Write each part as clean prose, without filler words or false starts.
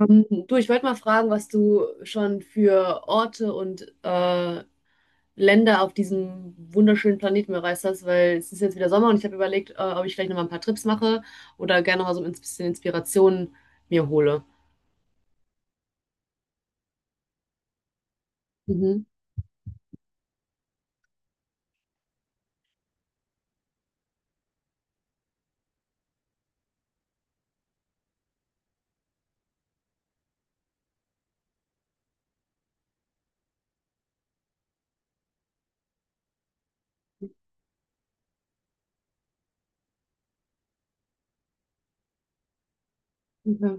Du, ich wollte mal fragen, was du schon für Orte und Länder auf diesem wunderschönen Planeten bereist hast, weil es ist jetzt wieder Sommer und ich habe überlegt, ob ich vielleicht nochmal ein paar Trips mache oder gerne mal so ein bisschen Inspiration mir hole. Mhm. Ja.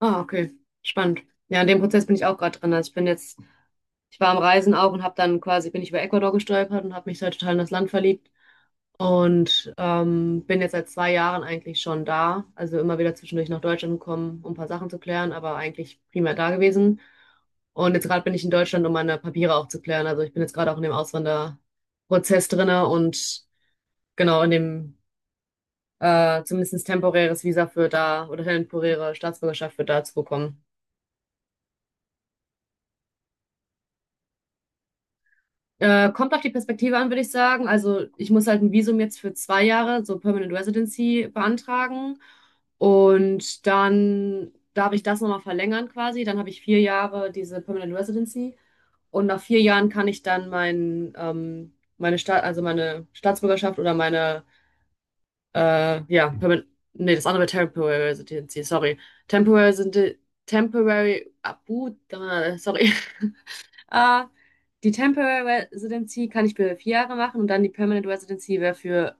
Ah, okay. Spannend. Ja, in dem Prozess bin ich auch gerade drin. Also ich bin jetzt ich war am Reisen auch und habe dann quasi, bin ich über Ecuador gestolpert und habe mich halt total in das Land verliebt und bin jetzt seit 2 Jahren eigentlich schon da. Also immer wieder zwischendurch nach Deutschland gekommen, um ein paar Sachen zu klären, aber eigentlich primär da gewesen. Und jetzt gerade bin ich in Deutschland, um meine Papiere auch zu klären. Also ich bin jetzt gerade auch in dem Auswanderprozess drinne und genau in dem zumindest temporäres Visa für da oder temporäre Staatsbürgerschaft für da zu bekommen. Kommt auf die Perspektive an, würde ich sagen. Also ich muss halt ein Visum jetzt für 2 Jahre, so Permanent Residency, beantragen. Und dann darf ich das nochmal verlängern quasi. Dann habe ich 4 Jahre diese Permanent Residency. Und nach 4 Jahren kann ich dann mein, meine Staat, also meine Staatsbürgerschaft oder meine, ja, Permanent, nee, das andere wäre Temporary Residency, sorry. Temporary, Residen- Temporary, abu, sorry. Ah, die Temporary Residency kann ich für 4 Jahre machen und dann die Permanent Residency wäre für,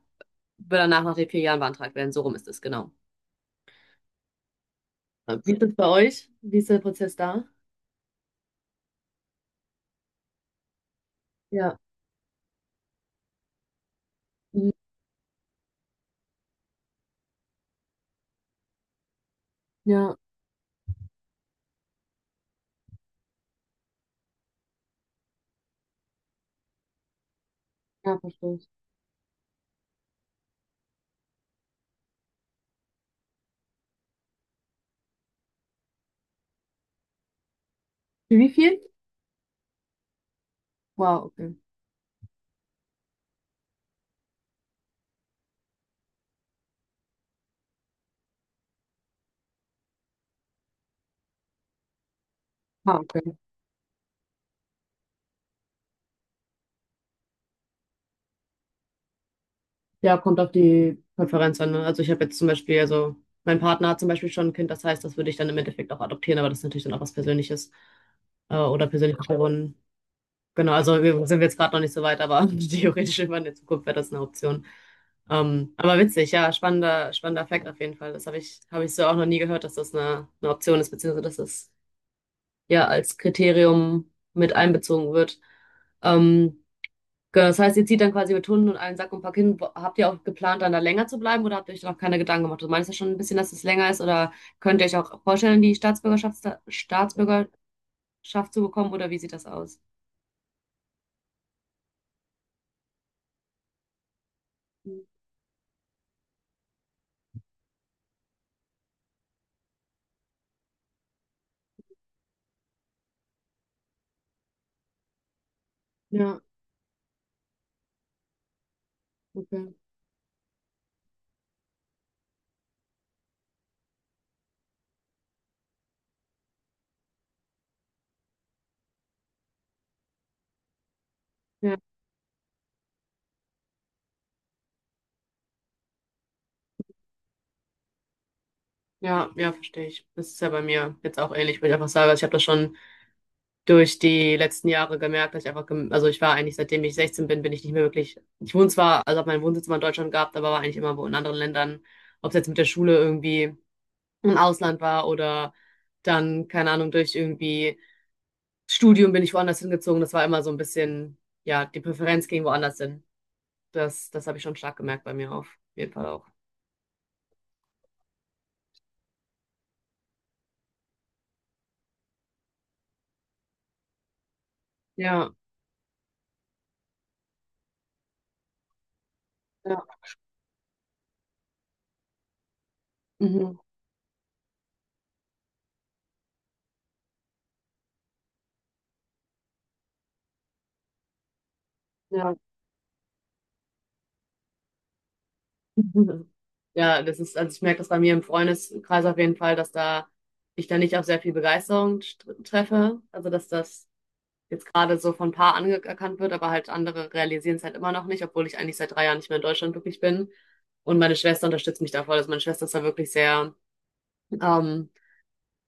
würde danach nach den 4 Jahren beantragt werden. So rum ist es, genau. Wie ist es bei euch? Wie ist der Prozess da? Ja. Mhm. Ja, ja, verstehe ich. Für wie viel? Wow, okay. Ah, okay. Ja, kommt auf die Konferenz an, ne? Also ich habe jetzt zum Beispiel, also mein Partner hat zum Beispiel schon ein Kind, das heißt, das würde ich dann im Endeffekt auch adoptieren, aber das ist natürlich dann auch was Persönliches oder persönliches. Genau, also wir sind jetzt gerade noch nicht so weit, aber theoretisch irgendwann in der Zukunft wäre das eine Option. Aber witzig, ja, spannender Fact auf jeden Fall. Das habe habe ich so auch noch nie gehört, dass das eine Option ist, beziehungsweise dass das ja als Kriterium mit einbezogen wird. Ähm, genau, das heißt, ihr zieht dann quasi mit Hunden und einem Sack und Pack hin. Wo- Habt ihr auch geplant, dann da länger zu bleiben oder habt ihr euch da noch keine Gedanken gemacht? Du meinst ja schon ein bisschen, dass es länger ist oder könnt ihr euch auch vorstellen, die Staatsbürgerschaft zu bekommen oder wie sieht das aus? Ja, okay. Ja. Ja, ja, verstehe ich. Das ist ja bei mir jetzt auch ähnlich, würde ich einfach sagen. Also ich habe das schon durch die letzten Jahre gemerkt, dass ich einfach, gem- also ich war eigentlich, seitdem ich 16 bin, bin ich nicht mehr wirklich, ich wohne zwar, also habe meinen Wohnsitz immer in Deutschland gehabt, aber war eigentlich immer wo in anderen Ländern, ob es jetzt mit der Schule irgendwie im Ausland war oder dann, keine Ahnung, durch irgendwie Studium bin ich woanders hingezogen. Das war immer so ein bisschen, ja, die Präferenz ging woanders hin. Das habe ich schon stark gemerkt bei mir auf jeden Fall auch. Ja, ja, mhm, ja. Mhm. Ja, das ist, also ich merke das bei mir im Freundeskreis auf jeden Fall, dass da ich da nicht auf sehr viel Begeisterung st- treffe. Also dass das jetzt gerade so von ein paar anerkannt wird, aber halt andere realisieren es halt immer noch nicht, obwohl ich eigentlich seit 3 Jahren nicht mehr in Deutschland wirklich bin. Und meine Schwester unterstützt mich da voll. Also meine Schwester ist da wirklich sehr ähm,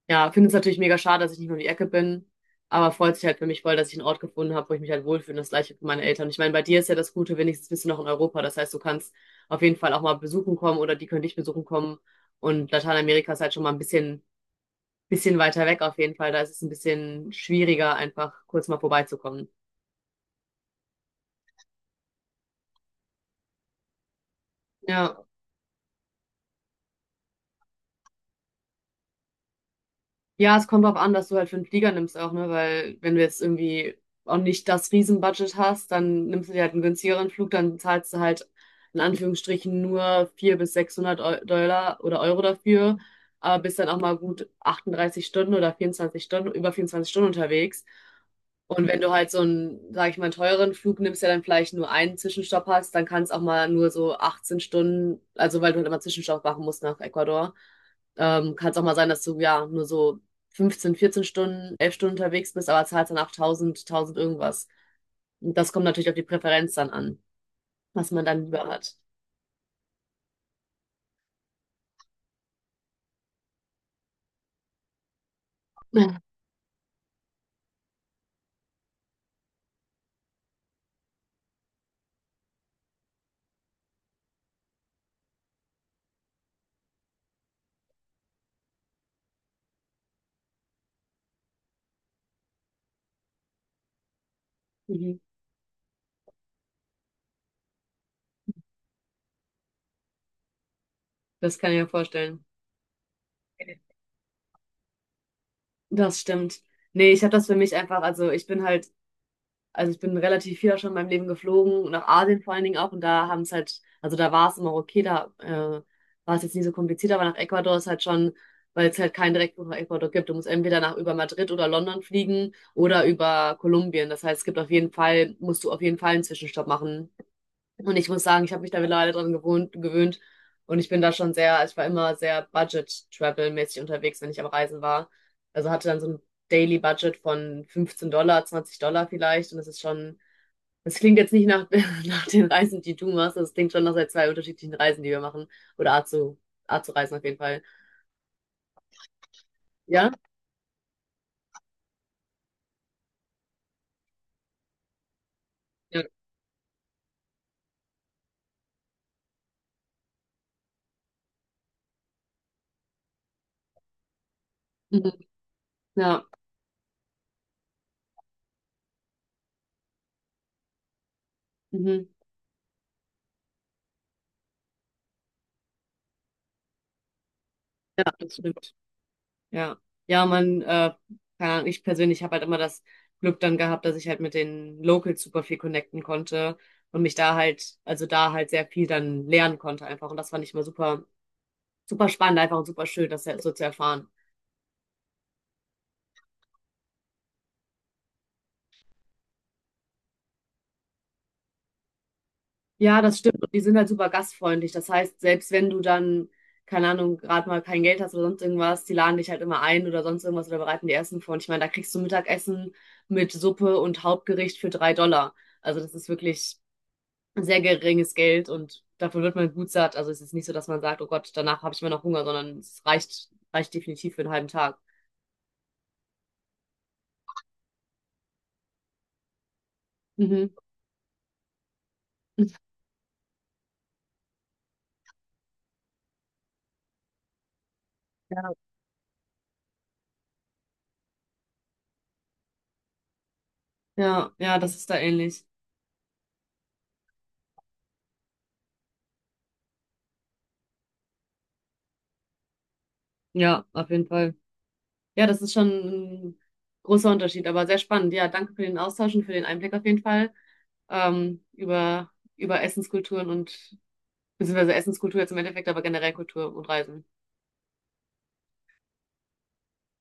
ja, finde es natürlich mega schade, dass ich nicht mehr um die Ecke bin, aber freut sich halt für mich voll, dass ich einen Ort gefunden habe, wo ich mich halt wohlfühle und das gleiche für meine Eltern. Ich meine, bei dir ist ja das Gute, wenigstens bist du noch in Europa. Das heißt, du kannst auf jeden Fall auch mal besuchen kommen oder die können dich besuchen kommen. Und Lateinamerika ist halt schon mal ein bisschen weiter weg auf jeden Fall. Da ist es ein bisschen schwieriger, einfach kurz mal vorbeizukommen. Ja. Ja, es kommt drauf an, dass du halt für einen Flieger nimmst auch, ne? Weil wenn du jetzt irgendwie auch nicht das Riesenbudget hast, dann nimmst du dir halt einen günstigeren Flug, dann zahlst du halt in Eu- Anführungsstrichen nur 400 bis 600 Eu- Dollar oder Euro dafür, aber bist dann auch mal gut 38 Stunden oder 24 Stunden, über 24 Stunden unterwegs. Und wenn du halt so einen, sag ich mal, teuren Flug nimmst, der dann vielleicht nur einen Zwischenstopp hast, dann kann es auch mal nur so 18 Stunden, also weil du halt immer Zwischenstopp machen musst nach Ecuador. Kann es auch mal sein, dass du ja nur so 15, 14 Stunden, 11 Stunden unterwegs bist, aber zahlst dann auch 1000, 1000 irgendwas. Und das kommt natürlich auf die Präferenz dann an, was man dann lieber hat. Mhm. Das kann ich mir vorstellen. Das stimmt. Nee, ich habe das für mich einfach, also ich bin halt. Also ich bin relativ viel auch schon in meinem Leben geflogen, nach Asien vor allen Dingen auch. Und da haben es halt, also da war es immer okay, da war es jetzt nie so kompliziert, aber nach Ecuador ist halt schon, weil es halt keinen Direktflug nach Ecuador gibt. Du musst entweder nach über Madrid oder London fliegen oder über Kolumbien. Das heißt, es gibt auf jeden Fall, musst du auf jeden Fall einen Zwischenstopp machen. Und ich muss sagen, ich habe mich da mittlerweile gewöhnt. Und ich bin da schon sehr, also ich war immer sehr Budget-Travel-mäßig unterwegs, wenn ich am Reisen war. Also hatte dann so ein Daily Budget von 15$, 20$ vielleicht. Und das ist schon, das klingt jetzt nicht nach, nach den Reisen, die du machst. Das klingt schon nach sehr zwei unterschiedlichen Reisen, die wir machen. Oder Art zu reisen auf jeden Fall. Ja? Ja. Mhm. Ja. Mhm. Ja, das stimmt. Ja, ja, man, keine Ahnung, ich persönlich habe halt immer das Glück dann gehabt, dass ich halt mit den Locals super viel connecten konnte und mich da halt, also da halt sehr viel dann lernen konnte einfach. Und das fand ich immer super spannend einfach und super schön, das so zu erfahren. Ja, das stimmt. Und die sind halt super gastfreundlich. Das heißt, selbst wenn du dann, keine Ahnung, gerade mal kein Geld hast oder sonst irgendwas, die laden dich halt immer ein oder sonst irgendwas oder bereiten dir Essen vor. Und ich meine, da kriegst du Mittagessen mit Suppe und Hauptgericht für 3$. Also das ist wirklich sehr geringes Geld und davon wird man gut satt. Also es ist nicht so, dass man sagt, oh Gott, danach habe ich immer noch Hunger, sondern es reicht definitiv für einen halben Tag. Mhm. Ja, ja, ja, das ist da ähnlich. Ja, auf jeden Fall. Ja, das ist schon ein großer Unterschied, aber sehr spannend. Ja, danke für den Austausch und für den Einblick auf jeden Fall über, über Essenskulturen und beziehungsweise Essenskultur jetzt im Endeffekt, aber generell Kultur und Reisen.